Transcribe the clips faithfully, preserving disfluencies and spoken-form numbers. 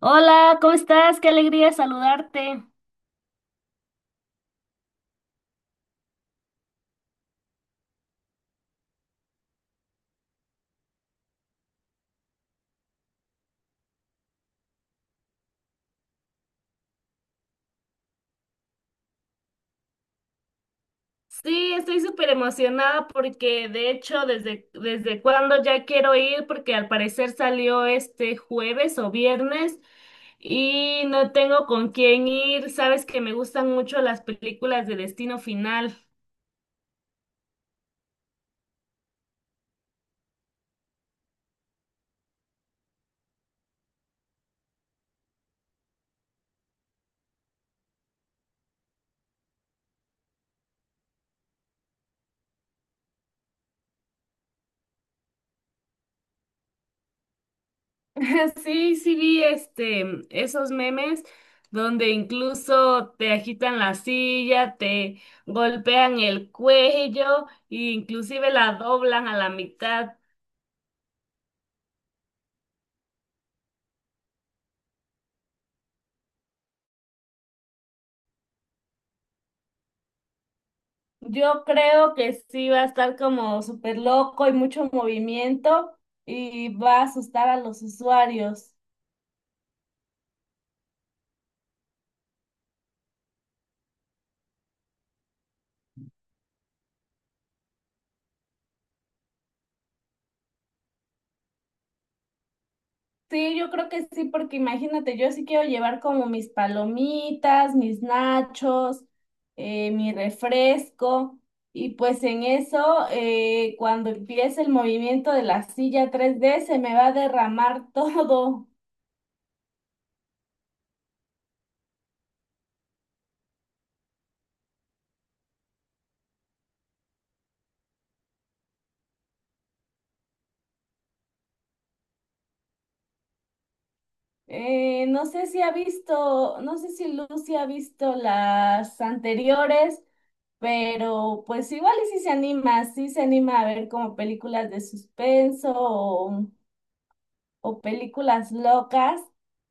Hola, ¿cómo estás? Qué alegría saludarte. Sí, estoy súper emocionada porque de hecho desde, desde cuando ya quiero ir porque al parecer salió este jueves o viernes y no tengo con quién ir. Sabes que me gustan mucho las películas de Destino Final. Sí, sí vi este esos memes donde incluso te agitan la silla, te golpean el cuello e inclusive la doblan a la mitad. Yo creo que sí va a estar como súper loco y mucho movimiento y va a asustar a los usuarios. Sí, yo creo que sí, porque imagínate, yo sí quiero llevar como mis palomitas, mis nachos, eh, mi refresco y pues en eso, eh, cuando empiece el movimiento de la silla tres d se me va a derramar todo. Eh, no sé si ha visto, no sé si Lucy ha visto las anteriores, pero pues igual y si se anima, sí se anima a ver como películas de suspenso o, o películas locas.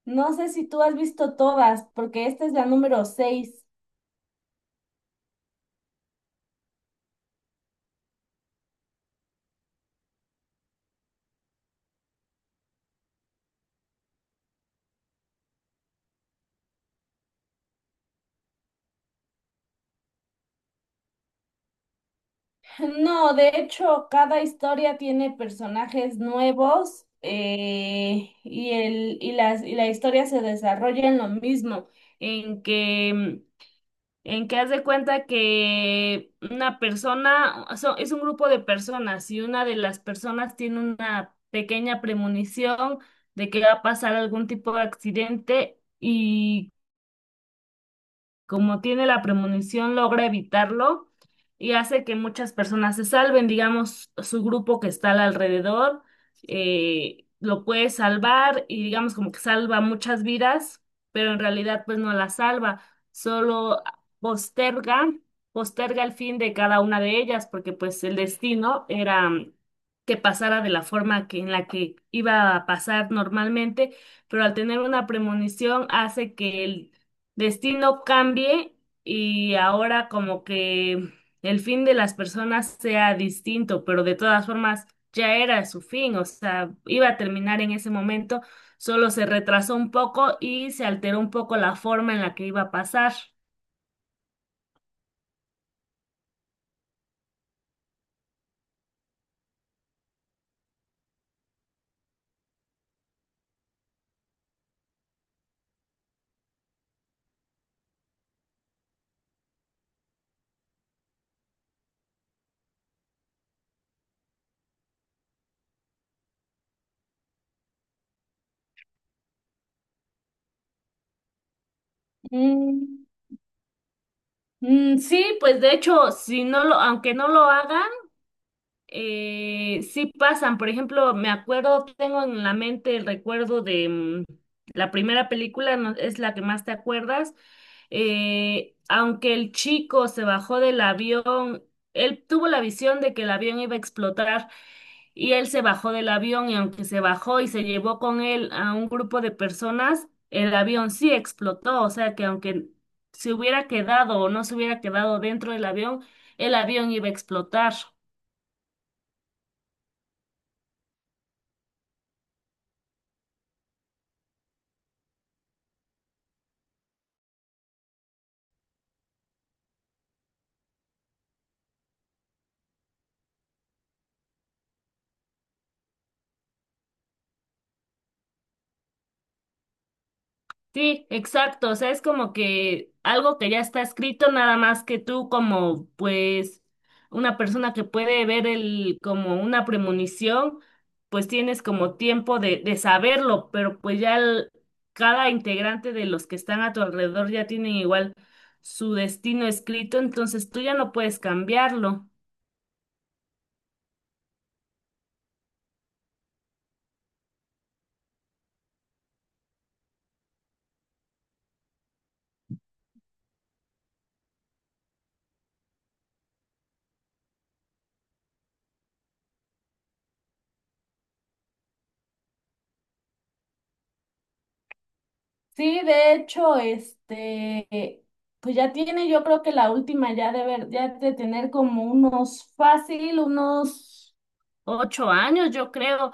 No sé si tú has visto todas, porque esta es la número seis. No, de hecho, cada historia tiene personajes nuevos, eh, y, el, y, las, y la historia se desarrolla en lo mismo, en que... en que haz de cuenta que una persona, o sea, es un grupo de personas y una de las personas tiene una pequeña premonición de que va a pasar algún tipo de accidente y como tiene la premonición, logra evitarlo y hace que muchas personas se salven, digamos, su grupo que está al alrededor, eh, lo puede salvar y digamos como que salva muchas vidas, pero en realidad pues no las salva, solo posterga, posterga el fin de cada una de ellas, porque pues el destino era, mm, que pasara de la forma que, en la que iba a pasar normalmente, pero al tener una premonición hace que el destino cambie y ahora como que el fin de las personas sea distinto, pero de todas formas ya era su fin, o sea, iba a terminar en ese momento, solo se retrasó un poco y se alteró un poco la forma en la que iba a pasar. Mm, Mm, sí, pues de hecho, si no lo, aunque no lo haga, Eh, sí pasan, por ejemplo, me acuerdo, tengo en la mente el recuerdo de, mm, la primera película, no- es la que más te acuerdas, eh, aunque el chico se bajó del avión, él tuvo la visión de que el avión iba a explotar y él se bajó del avión y aunque se bajó y se llevó con él a un grupo de personas, el avión sí explotó, o sea que aunque se hubiera quedado o no se hubiera quedado dentro del avión, el avión iba a explotar. Sí, exacto. O sea, es como que algo que ya está escrito, nada más que tú, como pues una persona que puede ver el como una premonición, pues tienes como tiempo de, de saberlo, pero pues ya el- cada integrante de los que están a tu alrededor ya tienen igual su destino escrito, entonces tú ya no puedes cambiarlo. Sí, de hecho, este, pues ya tiene, yo creo que la última ya de ver, ya de tener como unos fácil, unos ocho años, yo creo.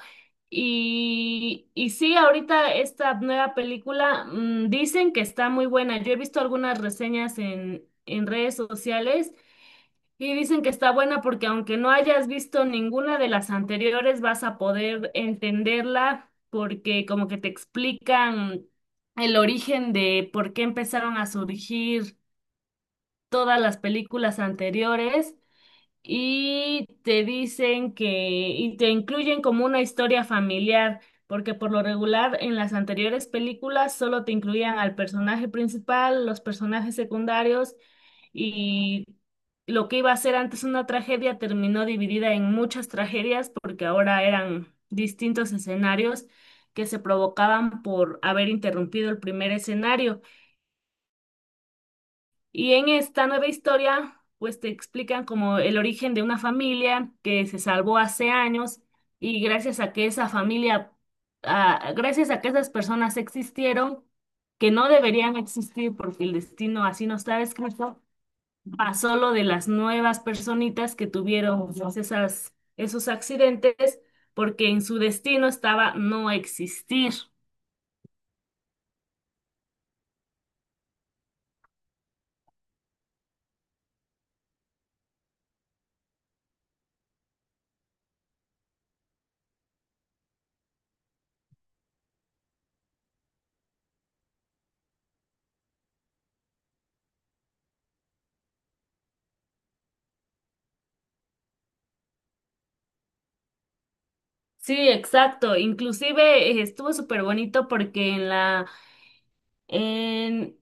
Y, y sí, ahorita esta nueva película, mm, dicen que está muy buena. Yo he visto algunas reseñas en, en redes sociales y dicen que está buena porque aunque no hayas visto ninguna de las anteriores, vas a poder entenderla porque como que te explican el origen de por qué empezaron a surgir todas las películas anteriores y te dicen que, y te incluyen como una historia familiar, porque por lo regular en las anteriores películas solo te incluían al personaje principal, los personajes secundarios, y lo que iba a ser antes una tragedia terminó dividida en muchas tragedias porque ahora eran distintos escenarios que se provocaban por haber interrumpido el primer escenario. Y en esta nueva historia, pues te explican como el origen de una familia que se salvó hace años y gracias a que esa familia, a- gracias a que esas personas existieron, que no deberían existir porque el destino así no estaba escrito, pasó lo de las nuevas personitas que tuvieron, pues, esas, esos accidentes porque en su destino estaba no existir. Sí, exacto. Inclusive, eh, estuvo súper bonito porque en la En,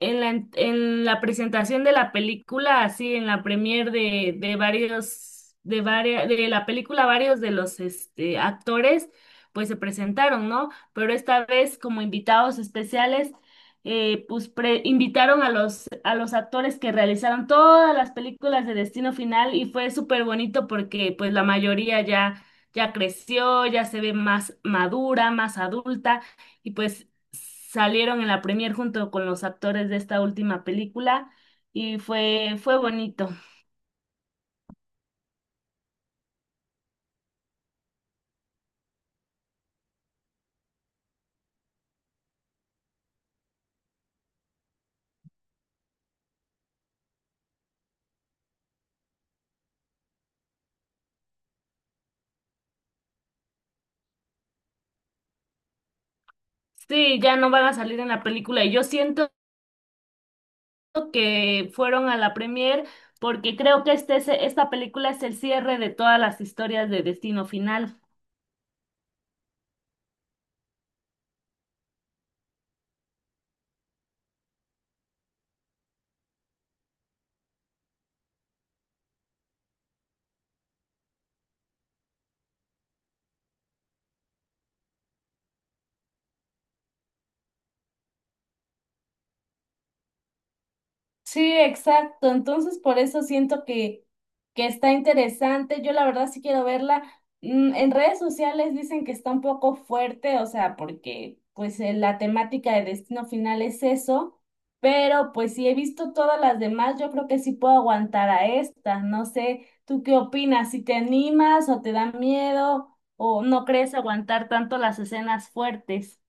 en la, en la presentación de la película, así en la premier de, de varios, de varias, de la película, varios de los, este, actores, pues se presentaron, ¿no? Pero esta vez, como invitados especiales, eh, pues pre- invitaron a los, a los actores que realizaron todas las películas de Destino Final y fue súper bonito porque pues la mayoría ya, ya creció, ya se ve más madura, más adulta. Y pues salieron en la premier junto con los actores de esta última película y fue, fue bonito. Sí, ya no van a salir en la película y yo siento que fueron a la premier porque creo que este, es- esta película es el cierre de todas las historias de Destino Final. Sí, exacto. Entonces, por eso siento que, que está interesante. Yo la verdad sí quiero verla. Mm, En redes sociales dicen que está un poco fuerte, o sea, porque pues, eh, la temática de Destino Final es eso, pero pues si he visto todas las demás, yo creo que sí puedo aguantar a esta. No sé, ¿tú qué opinas? ¿Si te animas o te da miedo o no crees aguantar tanto las escenas fuertes?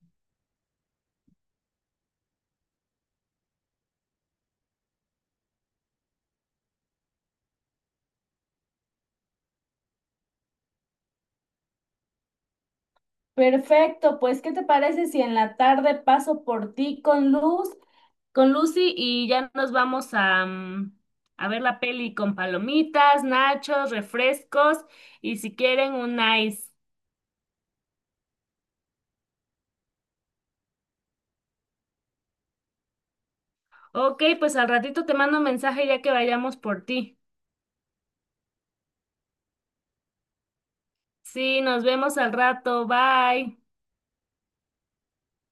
Perfecto, pues ¿qué te parece si en la tarde paso por ti con luz? Con Lucy y ya nos vamos a, mm, a ver la peli con palomitas, nachos, refrescos y si quieren un ice. Ok, pues al ratito te mando un mensaje ya que vayamos por ti. Sí, nos vemos al rato. Bye.